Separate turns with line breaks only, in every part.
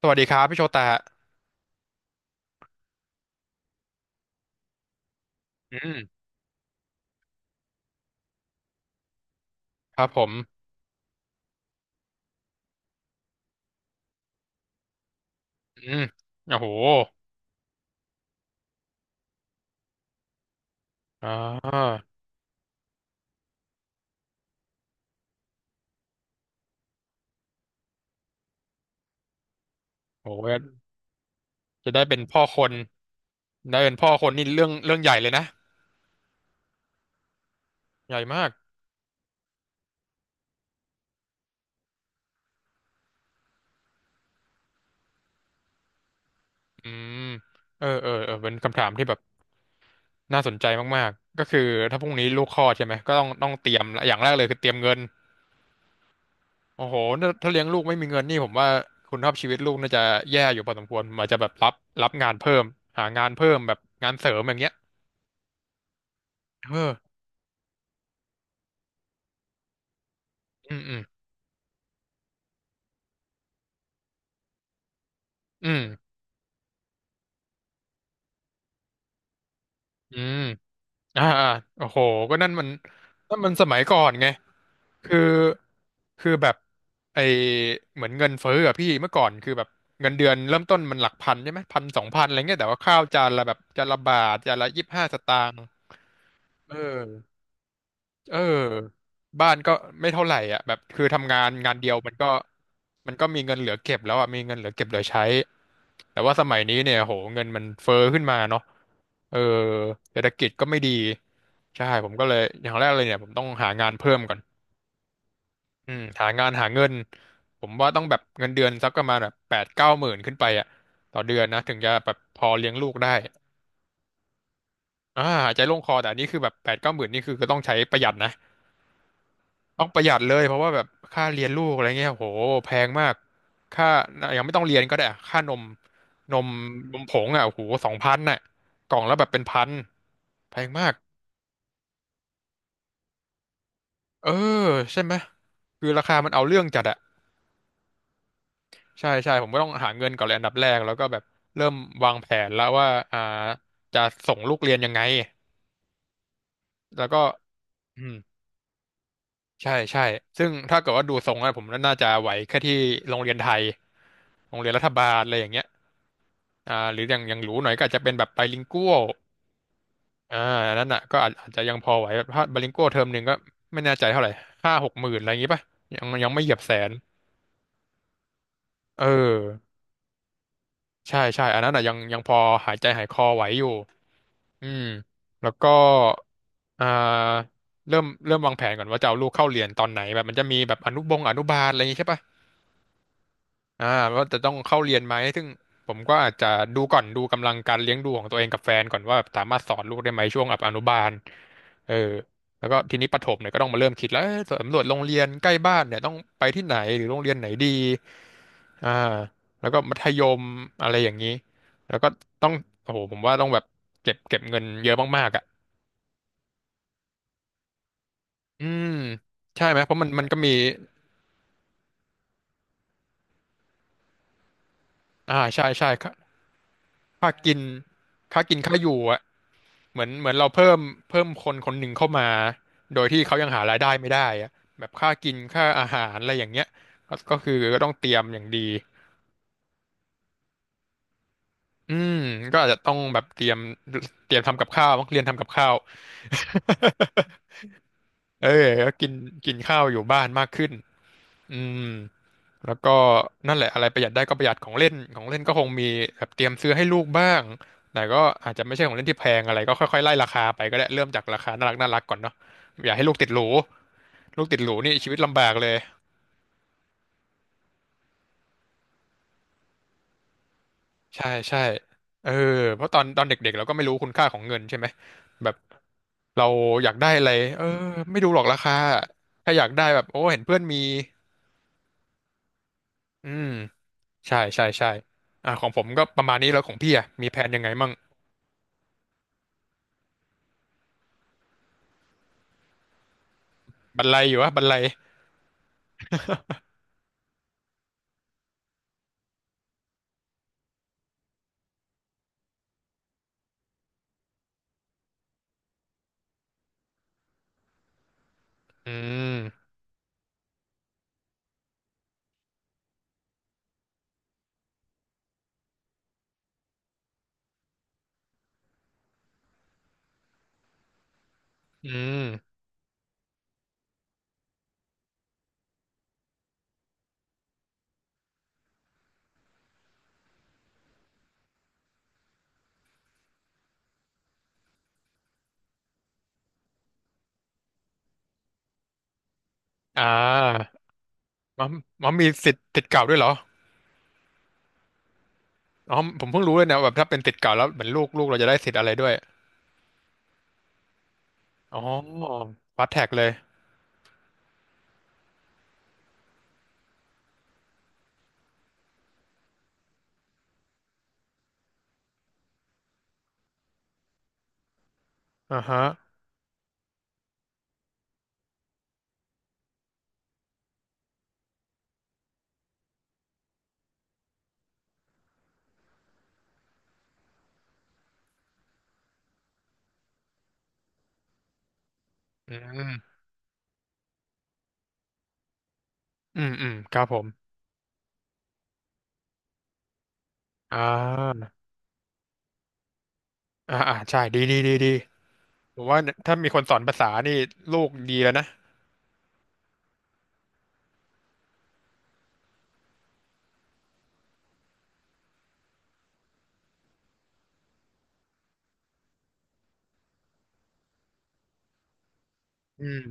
สวัสดีครับพี่โชตะอืมครับผมอืมโอ้โหอ่าโอ้โหจะได้เป็นพ่อคนได้เป็นพ่อคนนี่เรื่องใหญ่เลยนะใหญ่มากอืมเออเออเออเป็นคำถามที่แบบน่าสนใจมากๆก็คือถ้าพรุ่งนี้ลูกคลอดใช่ไหมก็ต้องเตรียมอย่างแรกเลยคือเตรียมเงินโอ้โหถ้าเลี้ยงลูกไม่มีเงินนี่ผมว่าคุณภาพชีวิตลูกน่าจะแย่อยู่พอสมควรผมอาจจะแบบรับงานเพิ่มหางานเพิ่มแบบงานเสริมอย่างเงี้ยเอออืมอืมอืม อืมอ่าอ่าโอ้โหก็นั่นมันสมัยก่อนไงคือคือแบบไอเหมือนเงินเฟ้ออะพี่เมื่อก่อนคือแบบเงินเดือนเริ่มต้นมันหลักพันใช่ไหมพันสองพันอะไรเงี้ยแต่ว่าข้าวจานละแบบจานละบาทจานละยี่สิบห้าสตางค์เออเออบ้านก็ไม่เท่าไหร่อ่ะแบบคือทำงานงานเดียวมันก็มันก็มีเงินเหลือเก็บแล้วอ่ะมีเงินเหลือเก็บเหลือใช้แต่ว่าสมัยนี้เนี่ยโหเงินมันเฟ้อขึ้นมาเนาะ เออเศรษฐกิจก็ไม่ดีใช่ผมก็เลยอย่างแรกเลยเนี่ยผมต้องหางานเพิ่มก่อนอืมหางานหาเงินผมว่าต้องแบบเงินเดือนสักประมาณแบบแปดเก้าหมื่นขึ้นไปอ่ะต่อเดือนนะถึงจะแบบพอเลี้ยงลูกได้อ่าหายใจโล่งคอแต่อันนี้คือแบบแปดเก้าหมื่นนี่คือก็ต้องใช้ประหยัดนะต้องประหยัดเลยเพราะว่าแบบค่าเรียนลูกอะไรเงี้ยโหแพงมากค่ายังไม่ต้องเรียนก็ได้อะค่านมนมนมผงอ่ะโหสองพันน่ะกล่องละแบบเป็นพันแพงมาก เออใช่ไหมคือราคามันเอาเรื่องจัดอะใช่ใช่ผมก็ต้องหาเงินก่อนเลยอันดับแรกแล้วก็แบบเริ่มวางแผนแล้วว่าอ่าจะส่งลูกเรียนยังไงแล้วก็อืมใช่ใช่ซึ่งถ้าเกิดว่าดูทรงแล้วผมน่าจะไหวแค่ที่โรงเรียนไทยโรงเรียนรัฐบาลอะไรอย่างเงี้ยอ่าหรืออย่างอย่างหรูหน่อยก็อาจจะเป็นแบบไบลิงกัวลอ่าอันนั้นอ่ะก็อาจจะยังพอไหวแบบถ้าไบลิงกัวลเทอมหนึ่งก็ไม่แน่ใจเท่าไหร่ห้าหกหมื่นอะไรอย่างงี้ป่ะยังยังไม่เหยียบแสนเออ ใช่ใช่อันนั้นอ่ะยังยังพอหายใจหายคอไหวอยู่อืมแล้วก็อ่าเริ่มวางแผนก่อนว่าจะเอาลูกเข้าเรียนตอนไหนแบบมันจะมีแบบอนุบาลอะไรอย่างงี้ใช่ปะ อ่าว่าจะต้องเข้าเรียนไหมซึ่งผมก็อาจจะดูก่อนดูกำลังการเลี้ยงดูของตัวเองกับแฟนก่อนว่าสามารถสอนลูกได้ไหมช่วงแบบอนุบาลเออแล้วก็ทีนี้ประถมเนี่ยก็ต้องมาเริ่มคิดแล้วเอ้ยสำรวจโรงเรียนใกล้บ้านเนี่ยต้องไปที่ไหนหรือโรงเรียนไหนดีอ่าแล้วก็มัธยมอะไรอย่างนี้แล้วก็ต้องโอ้โหผมว่าต้องแบบเก็บเงินเยอะมากๆอ่ะอืมใช่ไหมเพราะมันก็มีอ่าใช่ใช่ค่าค่ากินกินค่าอยู่อ่ะ เหมือนเราเพิ่มคนคนหนึ่งเข้ามาโดยที่เขายังหารายได้ไม่ได้อะแบบค่ากินค่าอาหารอะไรอย่างเงี้ยก็ก็คือก็ต้องเตรียมอย่างดีอืมก็อาจจะต้องแบบเตรียมทำกับข้าวต้องเรียนทำกับข้าว เออก็กินกินข้าวอยู่บ้านมากขึ้นอืมแล้วก็นั่นแหละอะไรประหยัดได้ก็ประหยัดของเล่นของเล่นก็คงมีแบบเตรียมซื้อให้ลูกบ้างแต่ก็อาจจะไม่ใช่ของเล่นที่แพงอะไรก็ค่อยๆไล่ราคาไปก็ได้เริ่มจากราคาน่ารักน่ารักก่อนเนาะอย่าให้ลูกติดหรู ลูกติดหรูนี่ชีวิตลำบากเลยใช่ใช่เออเพราะตอนเด็กๆเราก็ไม่รู้คุณค่าของเงินใช่ไหมแบบเราอยากได้อะไรเออไม่ดูหรอกราคาถ้าอยากได้แบบโอ้เห็นเพื่อนมีอืมใช่ใช่ใช่อ่าของผมก็ประมาณนี้แล้วของพี่อ่ะมีแผนยังไงมั่งบันไลอยู่วะบันไลอืมอืมอ่ามันมันมีสิทธิ์ติดเก่าด้วยเหรออ๋อผมเพิ่งรู้เลยนะแบบถ้าเป็นติดเก่าแล้วเหมือนลูกเราจะได้สิทธิ์อะไรด้วยอ๋อฟาสแท็กเลยอ่าฮะอืม อืมอืมครับผมอ่าอ่าอ่าใช่ดีดีดีดีผมว่าถ้ามีคนสอนภาษานี่ลูกดีแล้วนะอืม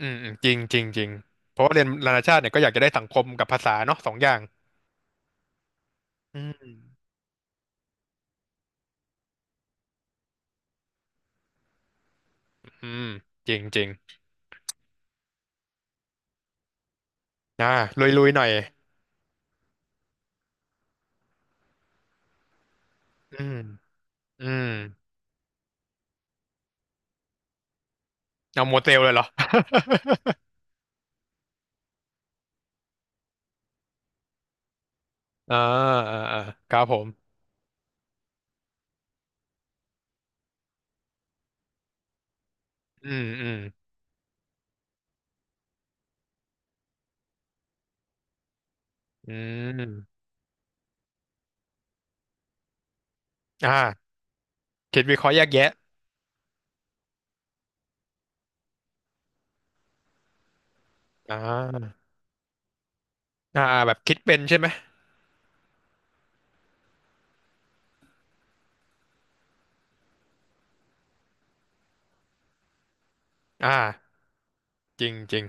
อืมอืมจริงจริงจริงเพราะว่าเรียนนานาชาติเนี่ยก็อยากจะได้สังคมกับภาษาเนาะสองอย่างอืมอืมจริงจริงอ่าลุยลุยหน่อยอืมอืมเอาโมเตลเลยเหรอ อ่าอ่าอ่าครับผมอืมอืมอืมอ่าคิดวิเคราะห์แยกแยะอ่าอ่าแบบคิดเป็นใช่ไหมอ่าจริงจริง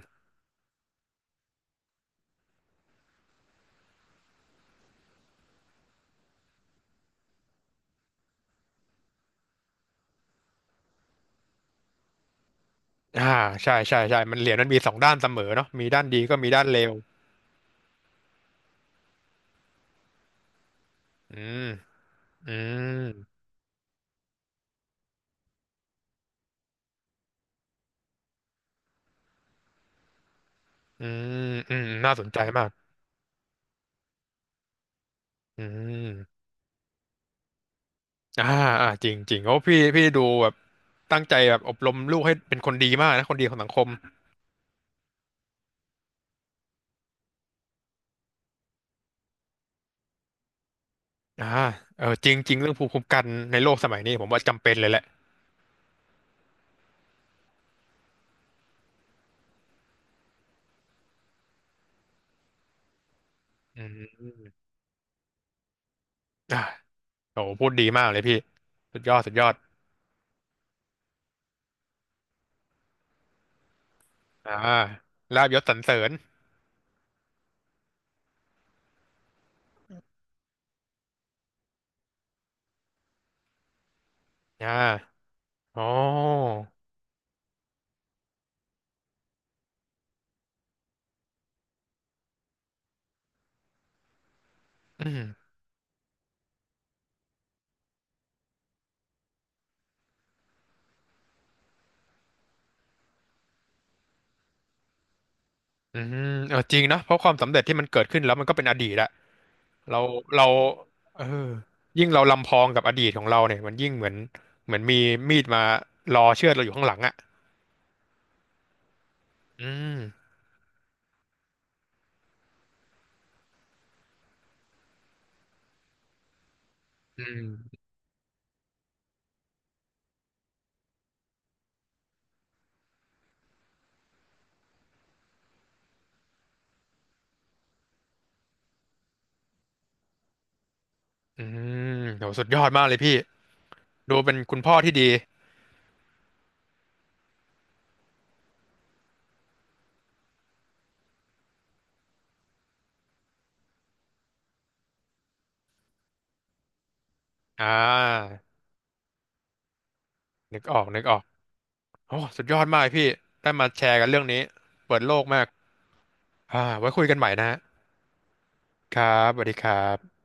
อ่าใช่ใช่ใช่มันเหรียญมันมีสองด้านเสมอเนาะมีด้านดีก็มีด้านเลวอืมอืมอืมอืมน่าสนใจมากอืมอ่าอ่าจริงจริงโอ้พี่ดูแบบตั้งใจแบบอบรมลูกให้เป็นคนดีมากนะคนดีของสังคมอ่าเออจริงจริงเรื่องภูมิคุ้มกันในโลกสมัยนี้ผมว่าจำเป็นเลยแหละอืมอ่าโอ้พูดดีมากเลยพี่สุดยอดสุดยอดอ่าลาบยศสรรเสริญอ่าอ๋ออืม อืมเออจริงนะเพราะความสำเร็จที่มันเกิดขึ้นแล้วมันก็เป็นอดีตละเราเราเออยิ่งเราลำพองกับอดีตของเราเนี่ยมันยิ่งเหมือนมีดมารอเชือดเราอยู่ข้างหลังอ่ะอืมอืมอืมโหสุดยอดมากเลยพี่ดูเป็นคุณพ่อที่ดีอ่านึกออกนึกออกโอ้สุดยอดมากเลยพี่ได้มาแชร์กันเรื่องนี้เปิดโลกมากอ่าไว้คุยกันใหม่นะฮะครับสวัสดีครับ